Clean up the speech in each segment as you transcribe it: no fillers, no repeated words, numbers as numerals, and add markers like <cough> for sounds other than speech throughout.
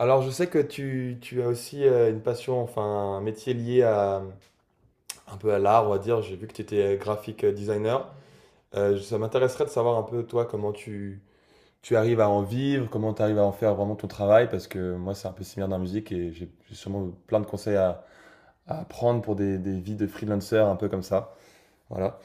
Alors, je sais que tu as aussi une passion, enfin un métier lié à, un peu à l'art, on va dire. J'ai vu que tu étais graphic designer. Ça m'intéresserait de savoir un peu, toi, tu arrives à en vivre, comment tu arrives à en faire vraiment ton travail, parce que moi, c'est un peu similaire dans la musique et j'ai sûrement plein de conseils à prendre pour des vies de freelancer un peu comme ça. Voilà.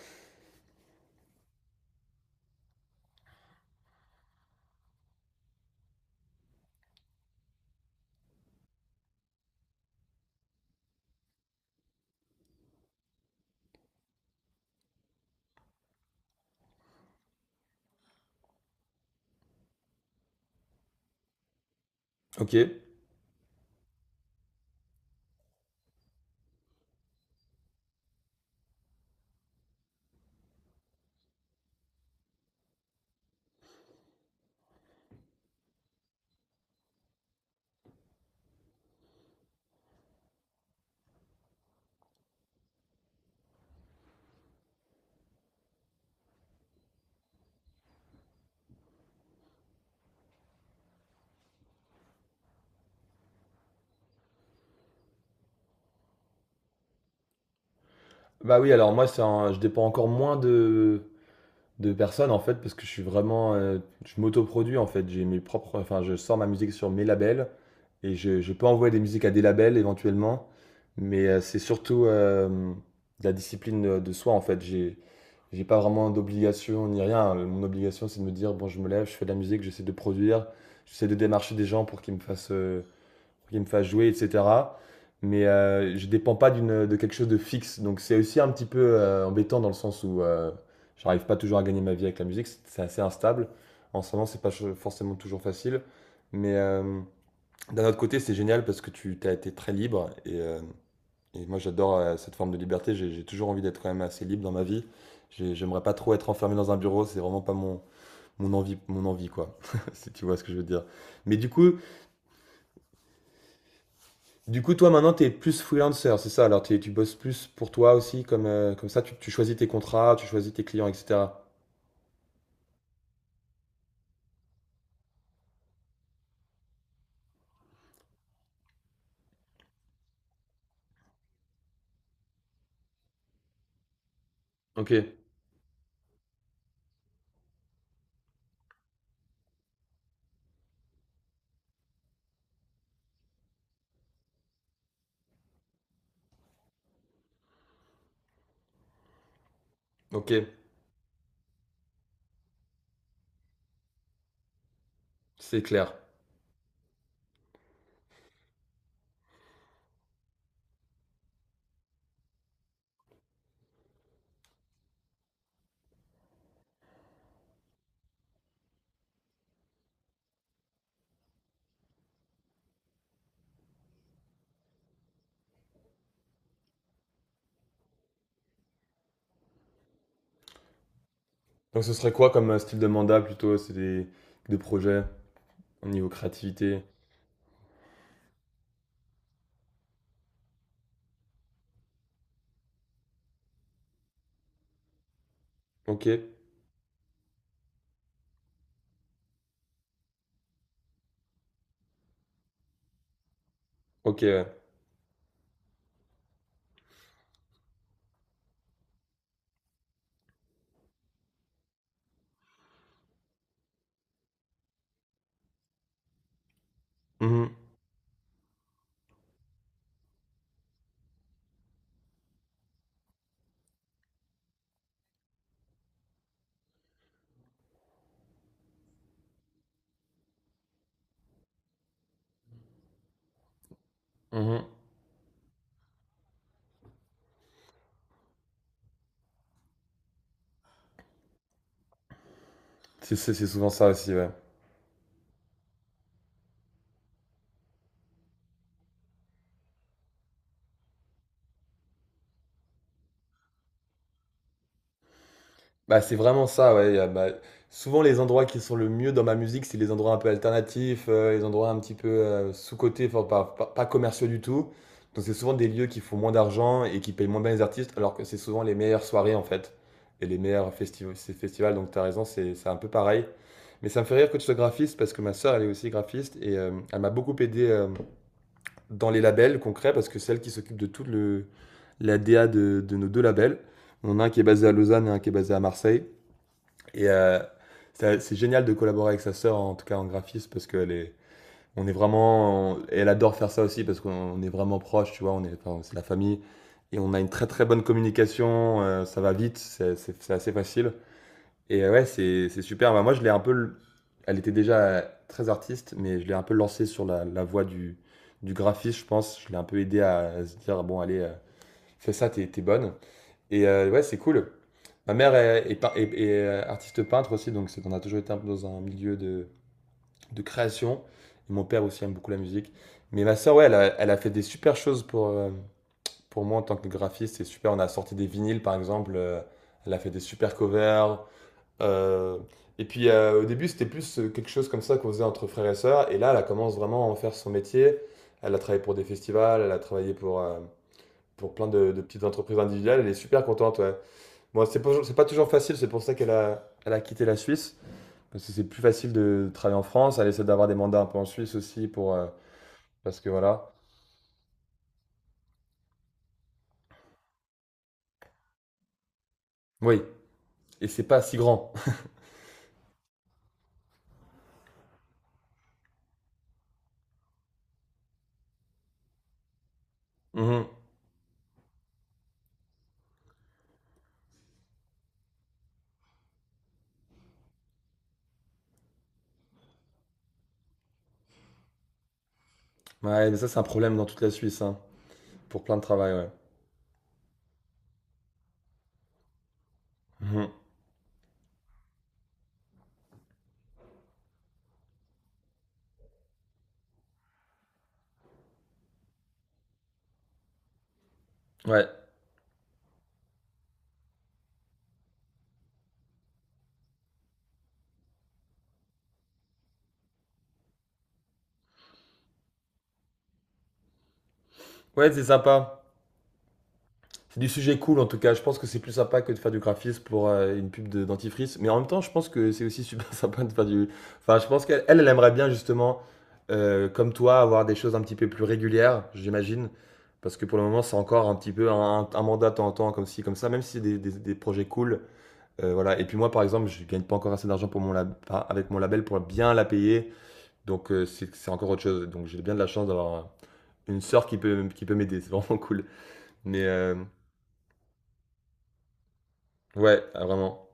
Ok. Bah oui, alors moi, je dépends encore moins de personnes en fait parce que je suis vraiment je m'autoproduis en fait, j'ai mes propres, enfin je sors ma musique sur mes labels et je peux envoyer des musiques à des labels éventuellement, mais c'est surtout de la discipline de soi. En fait, j'ai pas vraiment d'obligation ni rien. Mon obligation, c'est de me dire, bon, je me lève, je fais de la musique, j'essaie de produire, j'essaie de démarcher des gens pour qu'ils me fassent pour qu'il me fasse jouer, etc. Mais je ne dépends pas d'une, de quelque chose de fixe. Donc c'est aussi un petit peu embêtant dans le sens où j'arrive pas toujours à gagner ma vie avec la musique. C'est assez instable. En ce moment, c'est pas ch- forcément toujours facile. Mais d'un autre côté, c'est génial parce que tu as été très libre. Et moi, j'adore cette forme de liberté. J'ai toujours envie d'être quand même assez libre dans ma vie. J'aimerais pas trop être enfermé dans un bureau. C'est vraiment pas mon, mon envie, quoi. <laughs> Si tu vois ce que je veux dire. Mais du coup, Du coup, toi, maintenant, tu es plus freelancer, c'est ça? Alors, tu bosses plus pour toi aussi, comme, comme ça, tu choisis tes contrats, tu choisis tes clients, etc. Ok, ok, c'est clair. Donc, ce serait quoi comme style de mandat plutôt? Des projets au niveau créativité. Ok, ok, ouais. Mhm, mhm. C'est souvent ça aussi, ouais. Bah, c'est vraiment ça, ouais. Bah, souvent, les endroits qui sont le mieux dans ma musique, c'est les endroits un peu alternatifs, les endroits un petit peu sous-cotés, enfin, pas commerciaux du tout. Donc, c'est souvent des lieux qui font moins d'argent et qui payent moins bien les artistes, alors que c'est souvent les meilleures soirées, en fait, et les meilleurs ces festivals. Donc, tu as raison, c'est un peu pareil. Mais ça me fait rire que tu sois graphiste parce que ma sœur, elle est aussi graphiste et elle m'a beaucoup aidé dans les labels concrets parce que c'est elle qui s'occupe de toute le, la DA de nos deux labels. On en a un qui est basé à Lausanne et un qui est basé à Marseille. Et c'est génial de collaborer avec sa sœur, en tout cas en graphisme, parce qu'elle est, on est vraiment, et elle adore faire ça aussi, parce qu'on est vraiment proches, tu vois, on est, enfin, c'est la famille, et on a une très très bonne communication, ça va vite, c'est assez facile. Et ouais, c'est super. Bah, moi, je l'ai un peu, elle était déjà très artiste, mais je l'ai un peu lancée sur la, la voie du graphisme, je pense. Je l'ai un peu aidé à se dire, bon, allez, fais ça, t'es bonne. Et ouais, c'est cool. Ma mère est, artiste peintre aussi, donc on a toujours été un peu dans un milieu de création. Et mon père aussi aime beaucoup la musique. Mais ma sœur, ouais, elle a fait des super choses pour moi en tant que graphiste. C'est super. On a sorti des vinyles, par exemple. Elle a fait des super covers. Euh, et puis au début, c'était plus quelque chose comme ça qu'on faisait entre frères et sœurs. Et là, elle commence vraiment à en faire son métier. Elle a travaillé pour des festivals, elle a travaillé pour plein de petites entreprises individuelles. Elle est super contente, ouais. Bon, c'est pas toujours facile, c'est pour ça elle a quitté la Suisse. Parce que c'est plus facile de travailler en France. Elle essaie d'avoir des mandats un peu en Suisse aussi pour. Parce que voilà. Oui, et c'est pas si grand. <laughs> Mhm. Ouais, mais ça, c'est un problème dans toute la Suisse, hein, pour plein de travail, ouais. Mhm. Ouais. Ouais, c'est sympa. C'est du sujet cool en tout cas. Je pense que c'est plus sympa que de faire du graphisme pour une pub de dentifrice. Mais en même temps, je pense que c'est aussi super <laughs> sympa de faire du. Enfin, je pense qu'elle, elle aimerait bien justement, comme toi, avoir des choses un petit peu plus régulières, j'imagine. Parce que pour le moment, c'est encore un petit peu un mandat de temps en temps, comme ci, comme ça, même si c'est des projets cool. Voilà. Et puis moi, par exemple, je gagne pas encore assez d'argent pour enfin, avec mon label pour bien la payer. Donc c'est encore autre chose. Donc j'ai bien de la chance d'avoir une sœur qui peut m'aider. C'est <laughs> vraiment cool. Mais ouais, ah, vraiment.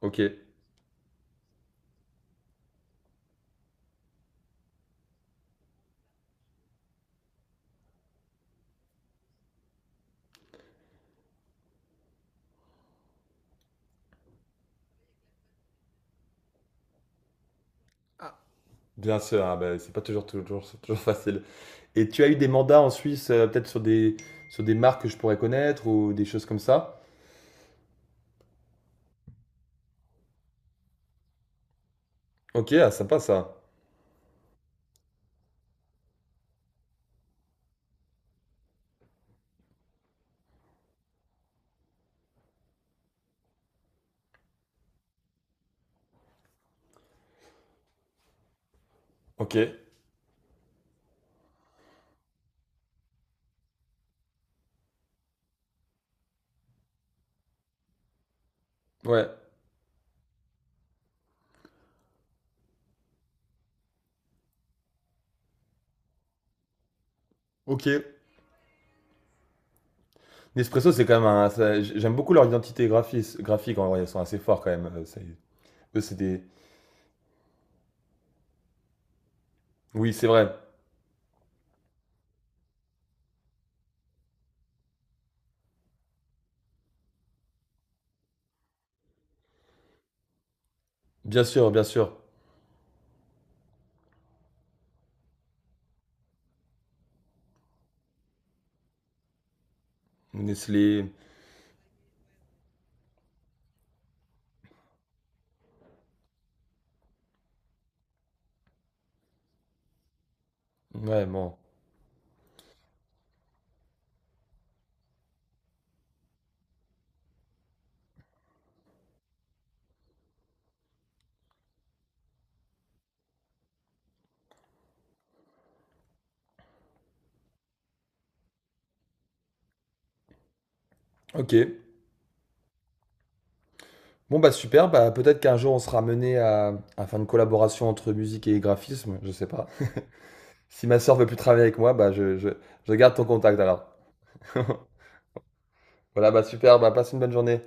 OK, bien sûr, ah bah, c'est pas toujours c'est toujours <laughs> facile. Et tu as eu des mandats en Suisse, peut-être sur des marques que je pourrais connaître ou des choses comme ça? OK, ah sympa ça. OK, ouais, OK. Nespresso, c'est quand même un ça, j'aime beaucoup leur identité graphis graphique en vrai, ils sont assez forts quand même, c'est eux, c'est des oui, c'est vrai. Bien sûr, bien sûr. Nestlé, ouais, bon. OK. Bon, bah, super, bah, peut-être qu'un jour on sera mené à faire une collaboration entre musique et graphisme, je sais pas. Si ma sœur veut plus travailler avec moi, bah je garde ton contact alors. Voilà, bah super, bah passe une bonne journée.